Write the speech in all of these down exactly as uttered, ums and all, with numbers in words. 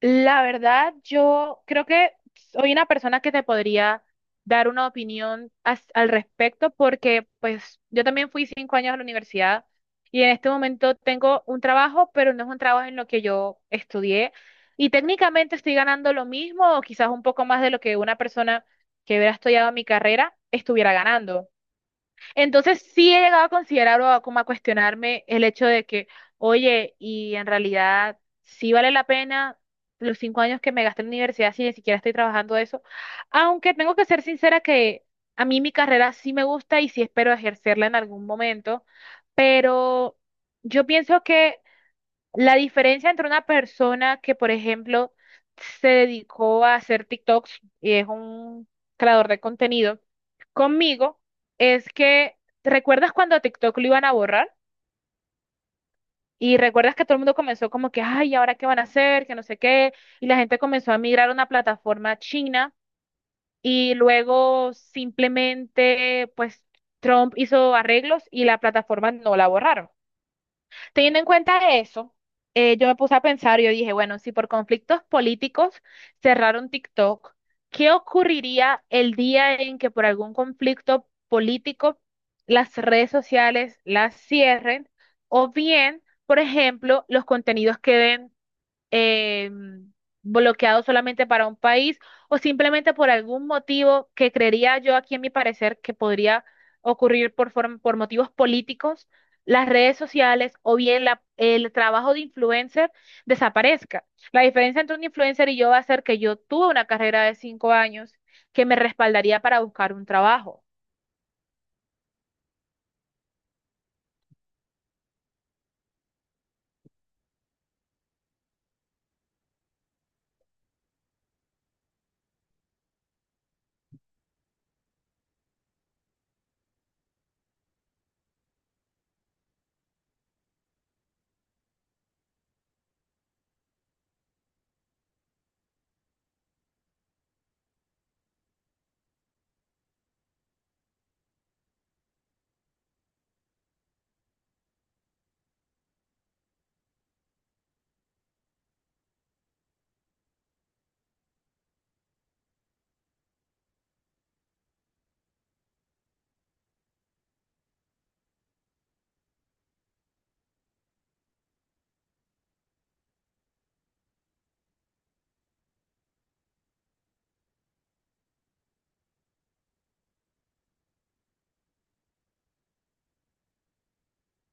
La verdad, yo creo que soy una persona que te podría dar una opinión as- al respecto porque pues yo también fui cinco años a la universidad y en este momento tengo un trabajo, pero no es un trabajo en lo que yo estudié y técnicamente estoy ganando lo mismo o quizás un poco más de lo que una persona que hubiera estudiado mi carrera estuviera ganando. Entonces sí he llegado a considerar o a, como a cuestionarme el hecho de que, oye, y en realidad sí vale la pena los cinco años que me gasté en la universidad si ni siquiera estoy trabajando de eso. Aunque tengo que ser sincera que a mí mi carrera sí me gusta y sí espero ejercerla en algún momento, pero yo pienso que la diferencia entre una persona que, por ejemplo, se dedicó a hacer TikToks y es un creador de contenido conmigo es que, ¿recuerdas cuando a TikTok lo iban a borrar? Y recuerdas que todo el mundo comenzó como que, ay, ¿ahora qué van a hacer? Que no sé qué. Y la gente comenzó a migrar a una plataforma china y luego simplemente, pues, Trump hizo arreglos y la plataforma no la borraron. Teniendo en cuenta eso, eh, yo me puse a pensar y yo dije, bueno, si por conflictos políticos cerraron TikTok, ¿qué ocurriría el día en que por algún conflicto político las redes sociales las cierren? O bien, por ejemplo, los contenidos queden eh, bloqueado solamente para un país o simplemente por algún motivo que creería yo aquí en mi parecer que podría ocurrir por, form- por motivos políticos, las redes sociales o bien la- el trabajo de influencer desaparezca. La diferencia entre un influencer y yo va a ser que yo tuve una carrera de cinco años que me respaldaría para buscar un trabajo.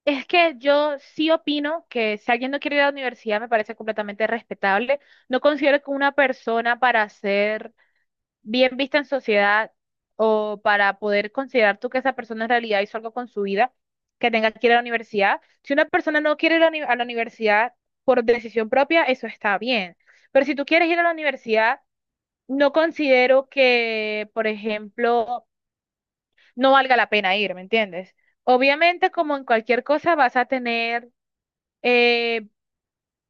Es que yo sí opino que si alguien no quiere ir a la universidad me parece completamente respetable. No considero que una persona para ser bien vista en sociedad o para poder considerar tú que esa persona en realidad hizo algo con su vida, que tenga que ir a la universidad. Si una persona no quiere ir a la uni- a la universidad por decisión propia, eso está bien. Pero si tú quieres ir a la universidad, no considero que, por ejemplo, no valga la pena ir, ¿me entiendes? Obviamente, como en cualquier cosa, vas a tener... eh,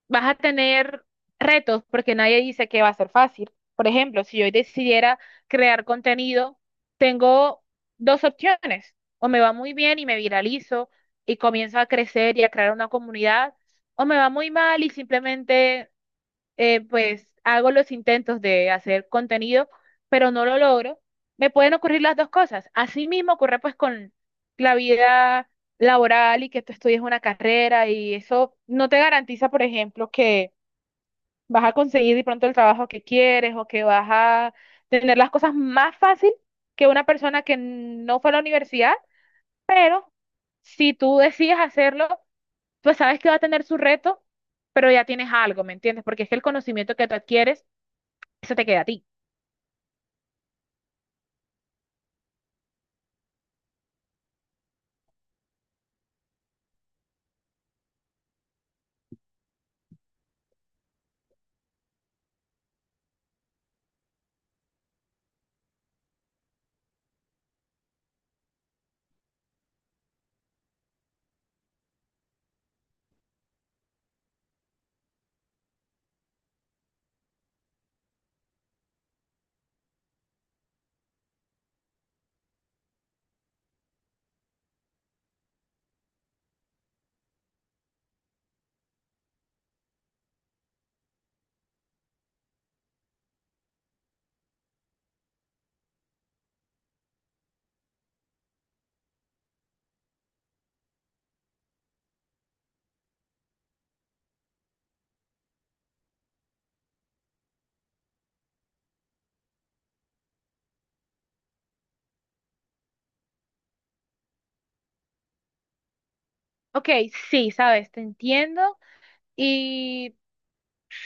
vas a tener retos porque nadie dice que va a ser fácil. Por ejemplo, si yo decidiera crear contenido, tengo dos opciones. O me va muy bien y me viralizo y comienzo a crecer y a crear una comunidad, o me va muy mal y simplemente eh, pues hago los intentos de hacer contenido, pero no lo logro, me pueden ocurrir las dos cosas. Así mismo ocurre pues con la vida laboral y que tú estudies una carrera y eso no te garantiza, por ejemplo, que vas a conseguir de pronto el trabajo que quieres o que vas a tener las cosas más fácil que una persona que no fue a la universidad, pero si tú decides hacerlo, pues sabes que va a tener su reto, pero ya tienes algo, ¿me entiendes? Porque es que el conocimiento que tú adquieres eso te queda a ti. Ok, sí, sabes, te entiendo. Y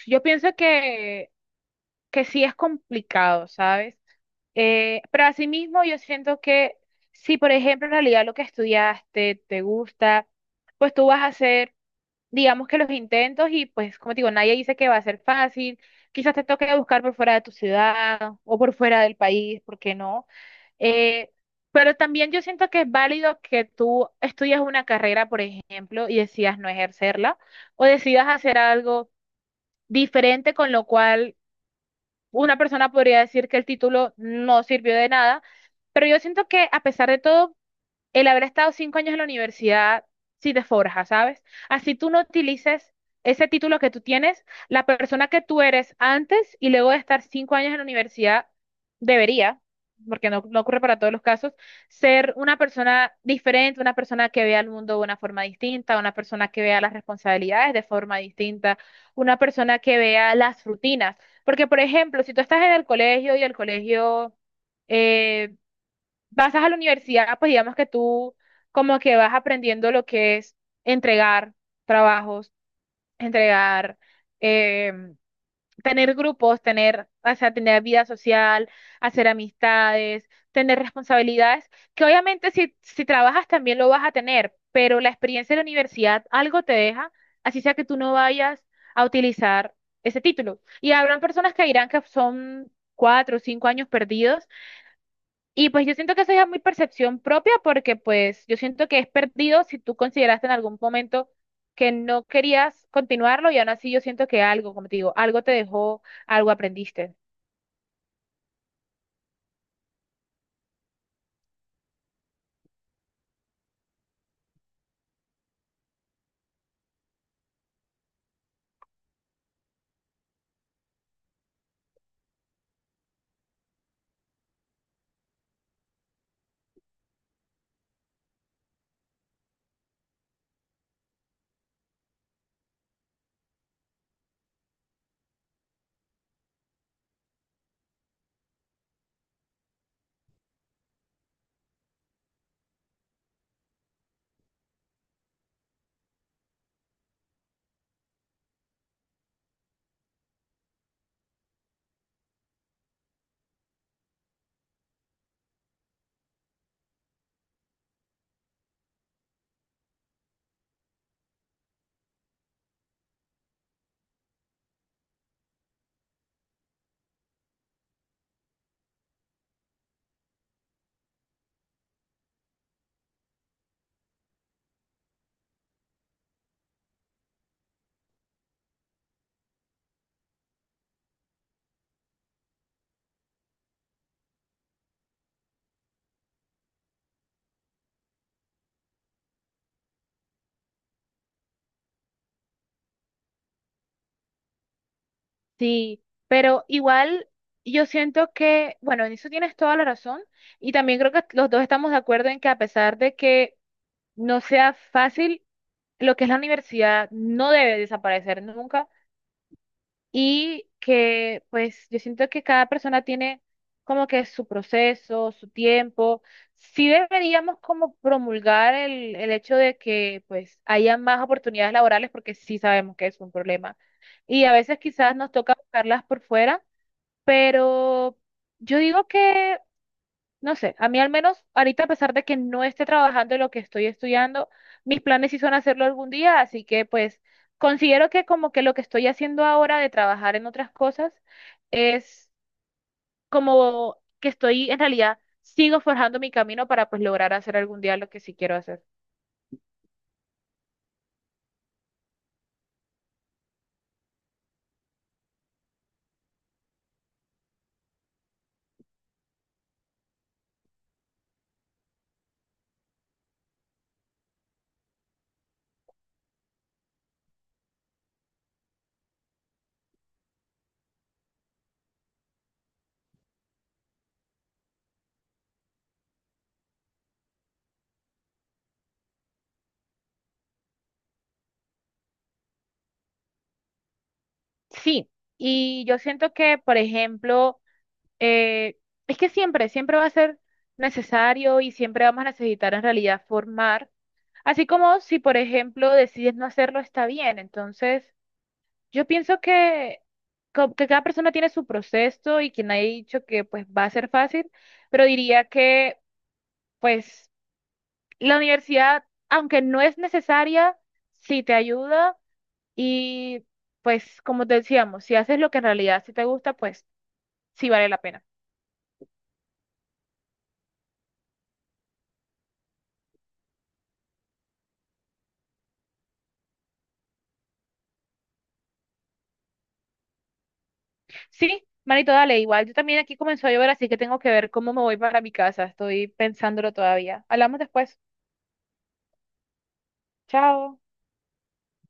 yo pienso que, que sí es complicado, ¿sabes? Eh, pero asimismo, yo siento que si, por ejemplo, en realidad lo que estudiaste te gusta, pues tú vas a hacer, digamos que los intentos y pues, como te digo, nadie dice que va a ser fácil. Quizás te toque buscar por fuera de tu ciudad o por fuera del país, ¿por qué no? Eh, pero también yo siento que es válido que tú estudias una carrera, por ejemplo, y decidas no ejercerla, o decidas hacer algo diferente, con lo cual una persona podría decir que el título no sirvió de nada, pero yo siento que a pesar de todo, el haber estado cinco años en la universidad sí te forja, ¿sabes? Así tú no utilices ese título que tú tienes, la persona que tú eres antes y luego de estar cinco años en la universidad debería, porque no, no ocurre para todos los casos, ser una persona diferente, una persona que vea el mundo de una forma distinta, una persona que vea las responsabilidades de forma distinta, una persona que vea las rutinas. Porque, por ejemplo, si tú estás en el colegio y el colegio eh, vas a la universidad, pues digamos que tú como que vas aprendiendo lo que es entregar trabajos, entregar, eh, tener grupos, tener, o sea, tener vida social, hacer amistades, tener responsabilidades, que obviamente si, si trabajas también lo vas a tener, pero la experiencia de la universidad algo te deja, así sea que tú no vayas a utilizar ese título. Y habrán personas que dirán que son cuatro o cinco años perdidos y pues yo siento que eso ya es muy percepción propia porque pues yo siento que es perdido si tú consideraste en algún momento que no querías continuarlo y aún así yo siento que algo, como te digo, algo te dejó, algo aprendiste. Sí, pero igual yo siento que, bueno, en eso tienes toda la razón y también creo que los dos estamos de acuerdo en que a pesar de que no sea fácil, lo que es la universidad no debe desaparecer nunca y que pues yo siento que cada persona tiene como que su proceso, su tiempo. Sí deberíamos como promulgar el, el hecho de que pues haya más oportunidades laborales porque sí sabemos que es un problema. Y a veces quizás nos toca buscarlas por fuera, pero yo digo que no sé, a mí al menos ahorita a pesar de que no esté trabajando en lo que estoy estudiando, mis planes sí son hacerlo algún día, así que pues considero que como que lo que estoy haciendo ahora de trabajar en otras cosas es como que estoy en realidad sigo forjando mi camino para pues lograr hacer algún día lo que sí quiero hacer. Sí, y yo siento que, por ejemplo, eh, es que siempre, siempre va a ser necesario y siempre vamos a necesitar en realidad formar. Así como si, por ejemplo, decides no hacerlo, está bien. Entonces, yo pienso que, co- que cada persona tiene su proceso y quien ha dicho que pues va a ser fácil, pero diría que pues la universidad, aunque no es necesaria, sí te ayuda y pues como te decíamos, si haces lo que en realidad sí te gusta, pues sí vale la pena. Sí, manito, dale, igual. Yo también aquí comenzó a llover, así que tengo que ver cómo me voy para mi casa. Estoy pensándolo todavía. Hablamos después. Chao.